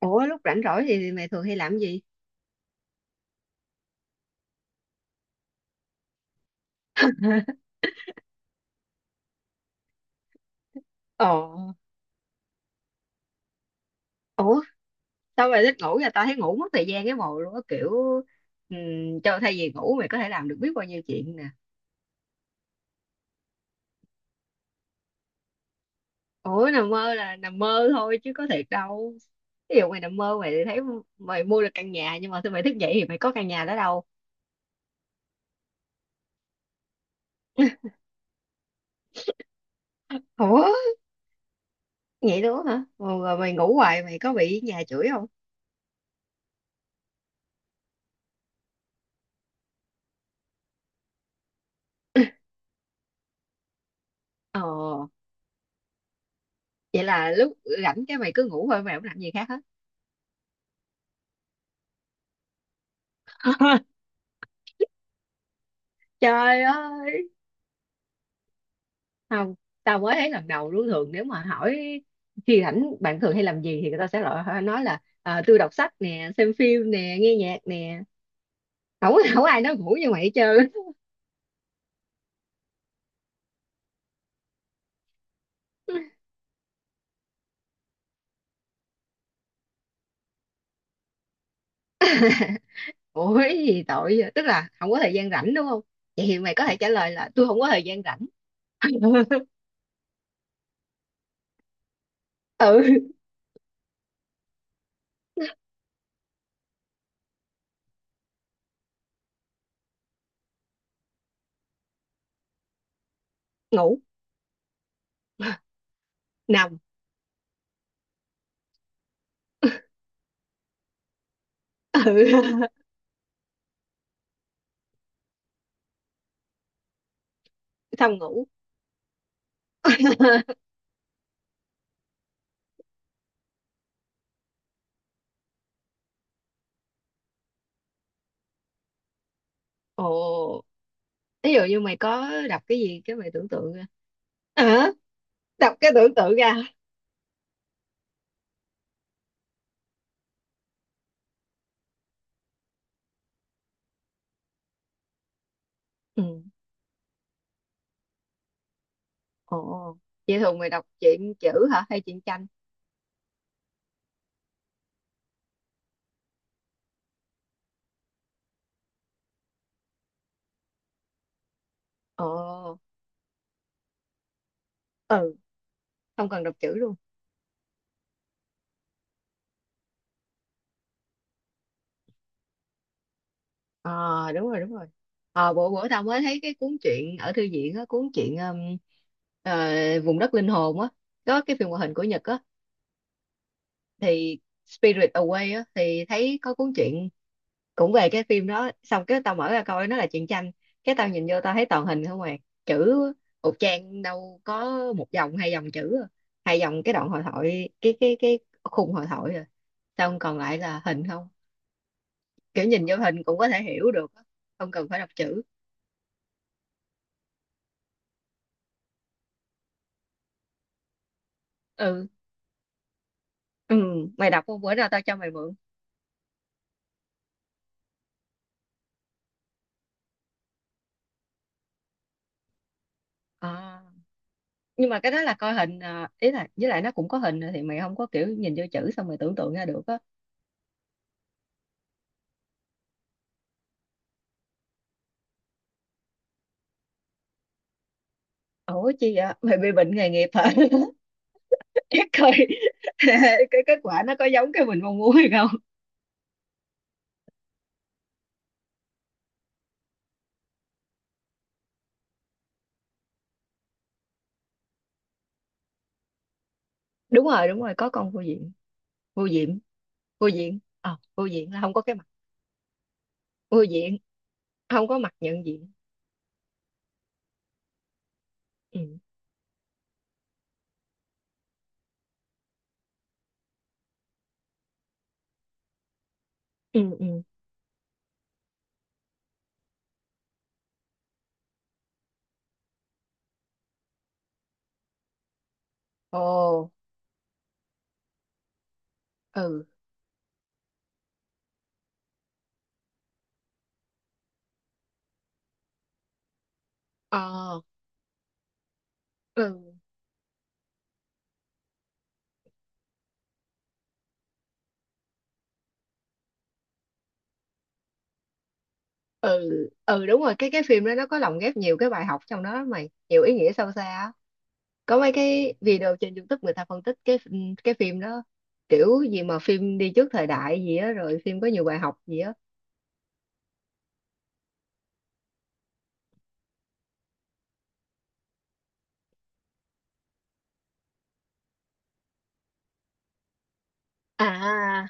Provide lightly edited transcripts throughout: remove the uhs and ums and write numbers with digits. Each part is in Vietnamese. Ủa lúc rảnh rỗi thì mày thường hay làm gì? Ồ, ủa sao mày thích ngủ vậy? Tao thấy ngủ mất thời gian cái mồ luôn á kiểu cho thay vì ngủ mày có thể làm được biết bao nhiêu chuyện nè. Ủa nằm mơ là nằm mơ thôi chứ có thiệt đâu. Ví dụ mày nằm mơ mày thấy mày mua được căn nhà, nhưng mà khi mày thức dậy thì mày có căn nhà đó đâu. Ủa vậy luôn hả? Ồ, rồi mày ngủ hoài mày có bị nhà chửi không? Ồ, vậy là lúc rảnh cái mày cứ ngủ thôi, mày không làm gì khác hết. Trời ơi, không, tao mới thấy lần đầu luôn. Thường nếu mà hỏi khi rảnh bạn thường hay làm gì thì người ta sẽ loại nói là à, tôi đọc sách nè, xem phim nè, nghe nhạc nè, không có không có ai nói ngủ như mày hết trơn. Ủa cái gì tội vậy? Tức là không có thời gian rảnh đúng không, vậy thì mày có thể trả lời là tôi không có thời gian rảnh. Ừ. Ngủ. Nằm. Ừ. Xong ngủ. Ồ, ví dụ như mày có đọc cái gì cái mày tưởng tượng ra hả? Đọc cái tưởng tượng ra. Ừ. Ồ, vậy thường mày đọc truyện chữ hả hay truyện tranh? Ồ, ừ, không cần đọc chữ luôn. Ờ, đúng rồi, đúng rồi. Ờ, bữa bữa tao mới thấy cái cuốn truyện ở thư viện á, cuốn truyện ờ, Vùng đất linh hồn á, có cái phim hoạt hình của Nhật á, thì Spirit Away á, thì thấy có cuốn truyện cũng về cái phim đó. Xong cái tao mở ra coi, nó là truyện tranh. Cái tao nhìn vô tao thấy toàn hình không à, chữ một trang đâu có một dòng hai dòng chữ, à. Hai dòng cái đoạn hội thoại, cái khung hội thoại à, xong còn lại là hình không. Kiểu nhìn vô hình cũng có thể hiểu được á, không cần phải đọc chữ. Ừ ừ, mày đọc không, bữa nào tao cho mày mượn. À, nhưng mà cái đó là coi hình à, ý là với lại nó cũng có hình rồi thì mày không có kiểu nhìn vô chữ xong mày tưởng tượng ra được á. Ủa chi vậy, mày bị bệnh nghề nghiệp hả? Chắc coi cái kết quả nó có giống cái mình mong muốn hay không. Đúng rồi, đúng rồi, có con vô diện. Vô diện. Vô diện, ờ, vô diện là không có cái mặt. Vô diện, không có mặt nhận diện. Ừ ừ ừ. Ồ. Ừ. Ờ. Ừ ừ ừ. Đúng rồi, cái phim đó nó có lồng ghép nhiều cái bài học trong đó lắm mày, nhiều ý nghĩa sâu xa á. Có mấy cái video trên YouTube người ta phân tích cái cái phim đó, kiểu gì mà phim đi trước thời đại gì á, rồi phim có nhiều bài học gì á. À,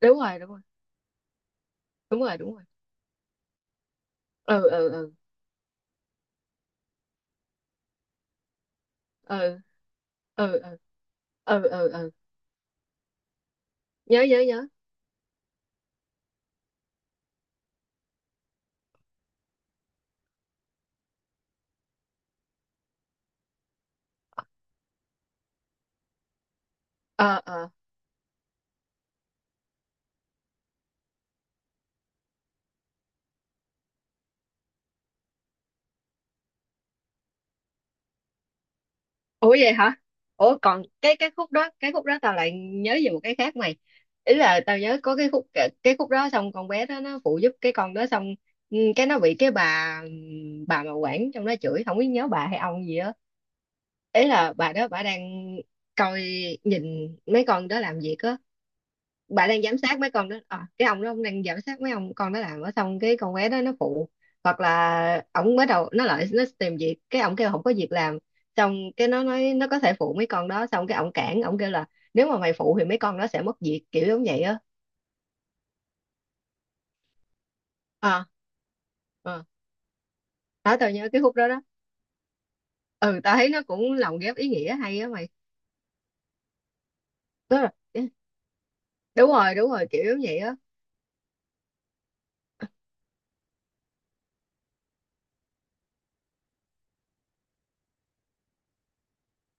đúng rồi, đúng rồi, đúng rồi, đúng rồi. Ừ ừ ừ. Ừ ừ ừ ừ ừ ừ. Nhớ, nhớ, nhớ. Ờ ờ. Ủa vậy hả? Ủa còn cái khúc đó tao lại nhớ về một cái khác mày. Ý là tao nhớ có cái khúc đó xong con bé đó nó phụ giúp cái con đó, xong ừ, cái nó bị cái bà mà quản trong đó chửi, không biết nhớ bà hay ông gì á. Ý là bà đó bà đang coi, nhìn mấy con đó làm việc á, bà đang giám sát mấy con đó à, cái ông đó ông đang giám sát mấy ông con đó làm ở, xong cái con bé đó nó phụ, hoặc là ổng bắt đầu nó lại nó tìm việc cái ổng kêu không có việc làm. Xong cái nó nói nó có thể phụ mấy con đó, xong cái ổng cản ổng kêu là nếu mà mày phụ thì mấy con đó sẽ mất việc, kiểu giống vậy á. Ờ, à. Đó tao nhớ cái khúc đó đó. Ừ, tao thấy nó cũng lồng ghép ý nghĩa hay á mày. Tức là- đúng rồi, đúng rồi, kiểu giống vậy á.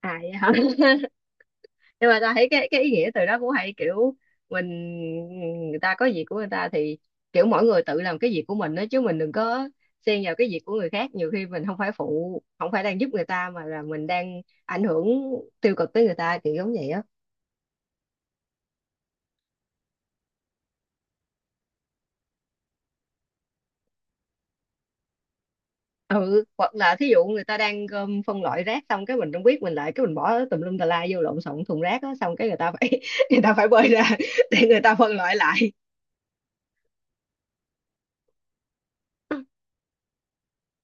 À, vậy hả? Nhưng mà ta thấy cái ý nghĩa từ đó cũng hay, kiểu mình, người ta có việc của người ta thì kiểu mỗi người tự làm cái việc của mình đó, chứ mình đừng có xen vào cái việc của người khác. Nhiều khi mình không phải phụ, không phải đang giúp người ta, mà là mình đang ảnh hưởng tiêu cực tới người ta, kiểu giống vậy á. Ừ, hoặc là thí dụ người ta đang gom phân loại rác, xong cái mình không biết mình lại cái mình bỏ tùm lum tà la vô lộn xộn thùng rác á, xong cái người ta phải người ta phải bơi ra để người ta phân loại lại.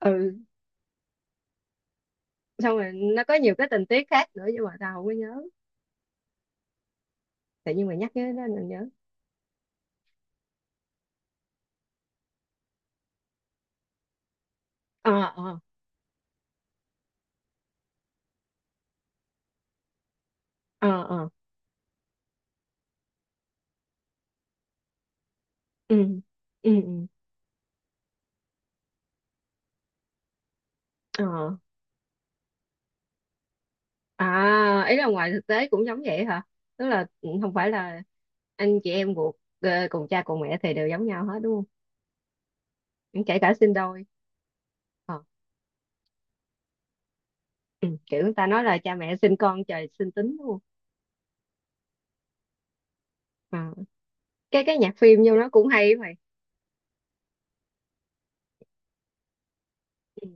Ừ, xong rồi nó có nhiều cái tình tiết khác nữa nhưng mà tao không có nhớ, tự nhiên mà nhắc cái đó mình nhớ. Ờ ờ ờ ờ. Ừ ừ ừ. Ờ. À, ý là ngoài thực tế cũng giống vậy hả, tức là ừ, không phải là anh chị em ruột, ờ, cùng cha cùng mẹ thì đều giống nhau hết đúng không, kể cả sinh đôi. Ờ. Ừ. Kiểu người ta nói là cha mẹ sinh con trời sinh tính đúng không. Ờ. Cái nhạc phim vô nó cũng hay á mày. Ừ.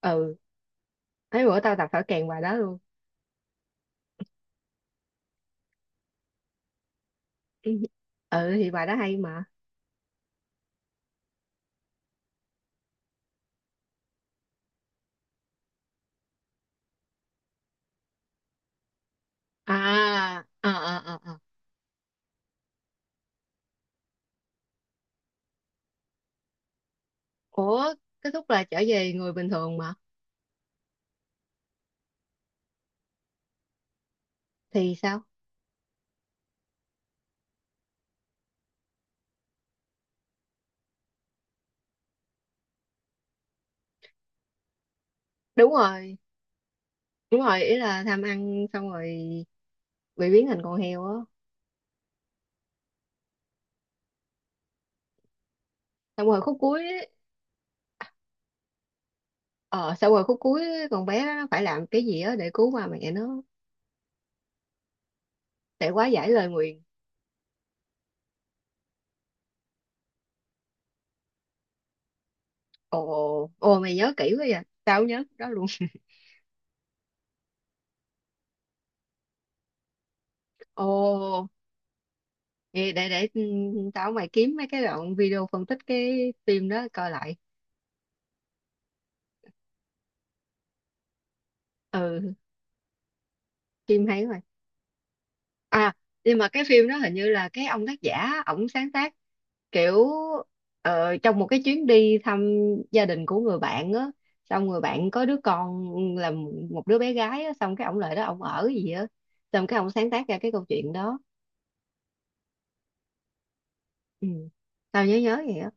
Ừ. Mấy bữa tao tập thở kèn bài đó luôn. Ừ. Ừ, thì bài đó hay mà. À à à à à. Ủa kết thúc là trở về người bình thường mà. Thì sao? Đúng rồi, đúng rồi, ý là tham ăn xong rồi bị biến thành con heo á. Xong rồi khúc cuối ấy, ờ, xong rồi khúc cuối ấy, con bé đó nó phải làm cái gì á để cứu ba mẹ nó, để quá giải lời nguyền. Ồ ồ, mày nhớ kỹ quá vậy, tao không nhớ cái đó luôn. Ồ, vậy để ừ, tao mày kiếm mấy cái đoạn video phân tích cái phim đó coi lại. Ừ. Phim hay mà. À, nhưng mà cái phim đó hình như là cái ông tác giả ổng sáng tác, kiểu ờ, trong một cái chuyến đi thăm gia đình của người bạn á, xong người bạn có đứa con là một đứa bé gái á, xong cái ổng lại đó ổng ở gì á, xong cái ổng sáng tác ra cái câu chuyện đó. Ừ. Tao nhớ nhớ vậy á.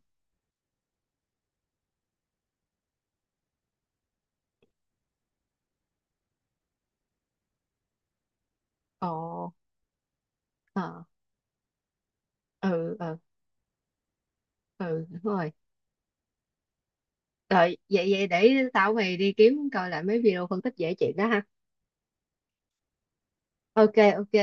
Ồ. Ờ. Ừ ừ ừ. Đúng rồi. Rồi vậy vậy để tao mày đi kiếm coi lại mấy video phân tích về chuyện đó ha. OK, OK.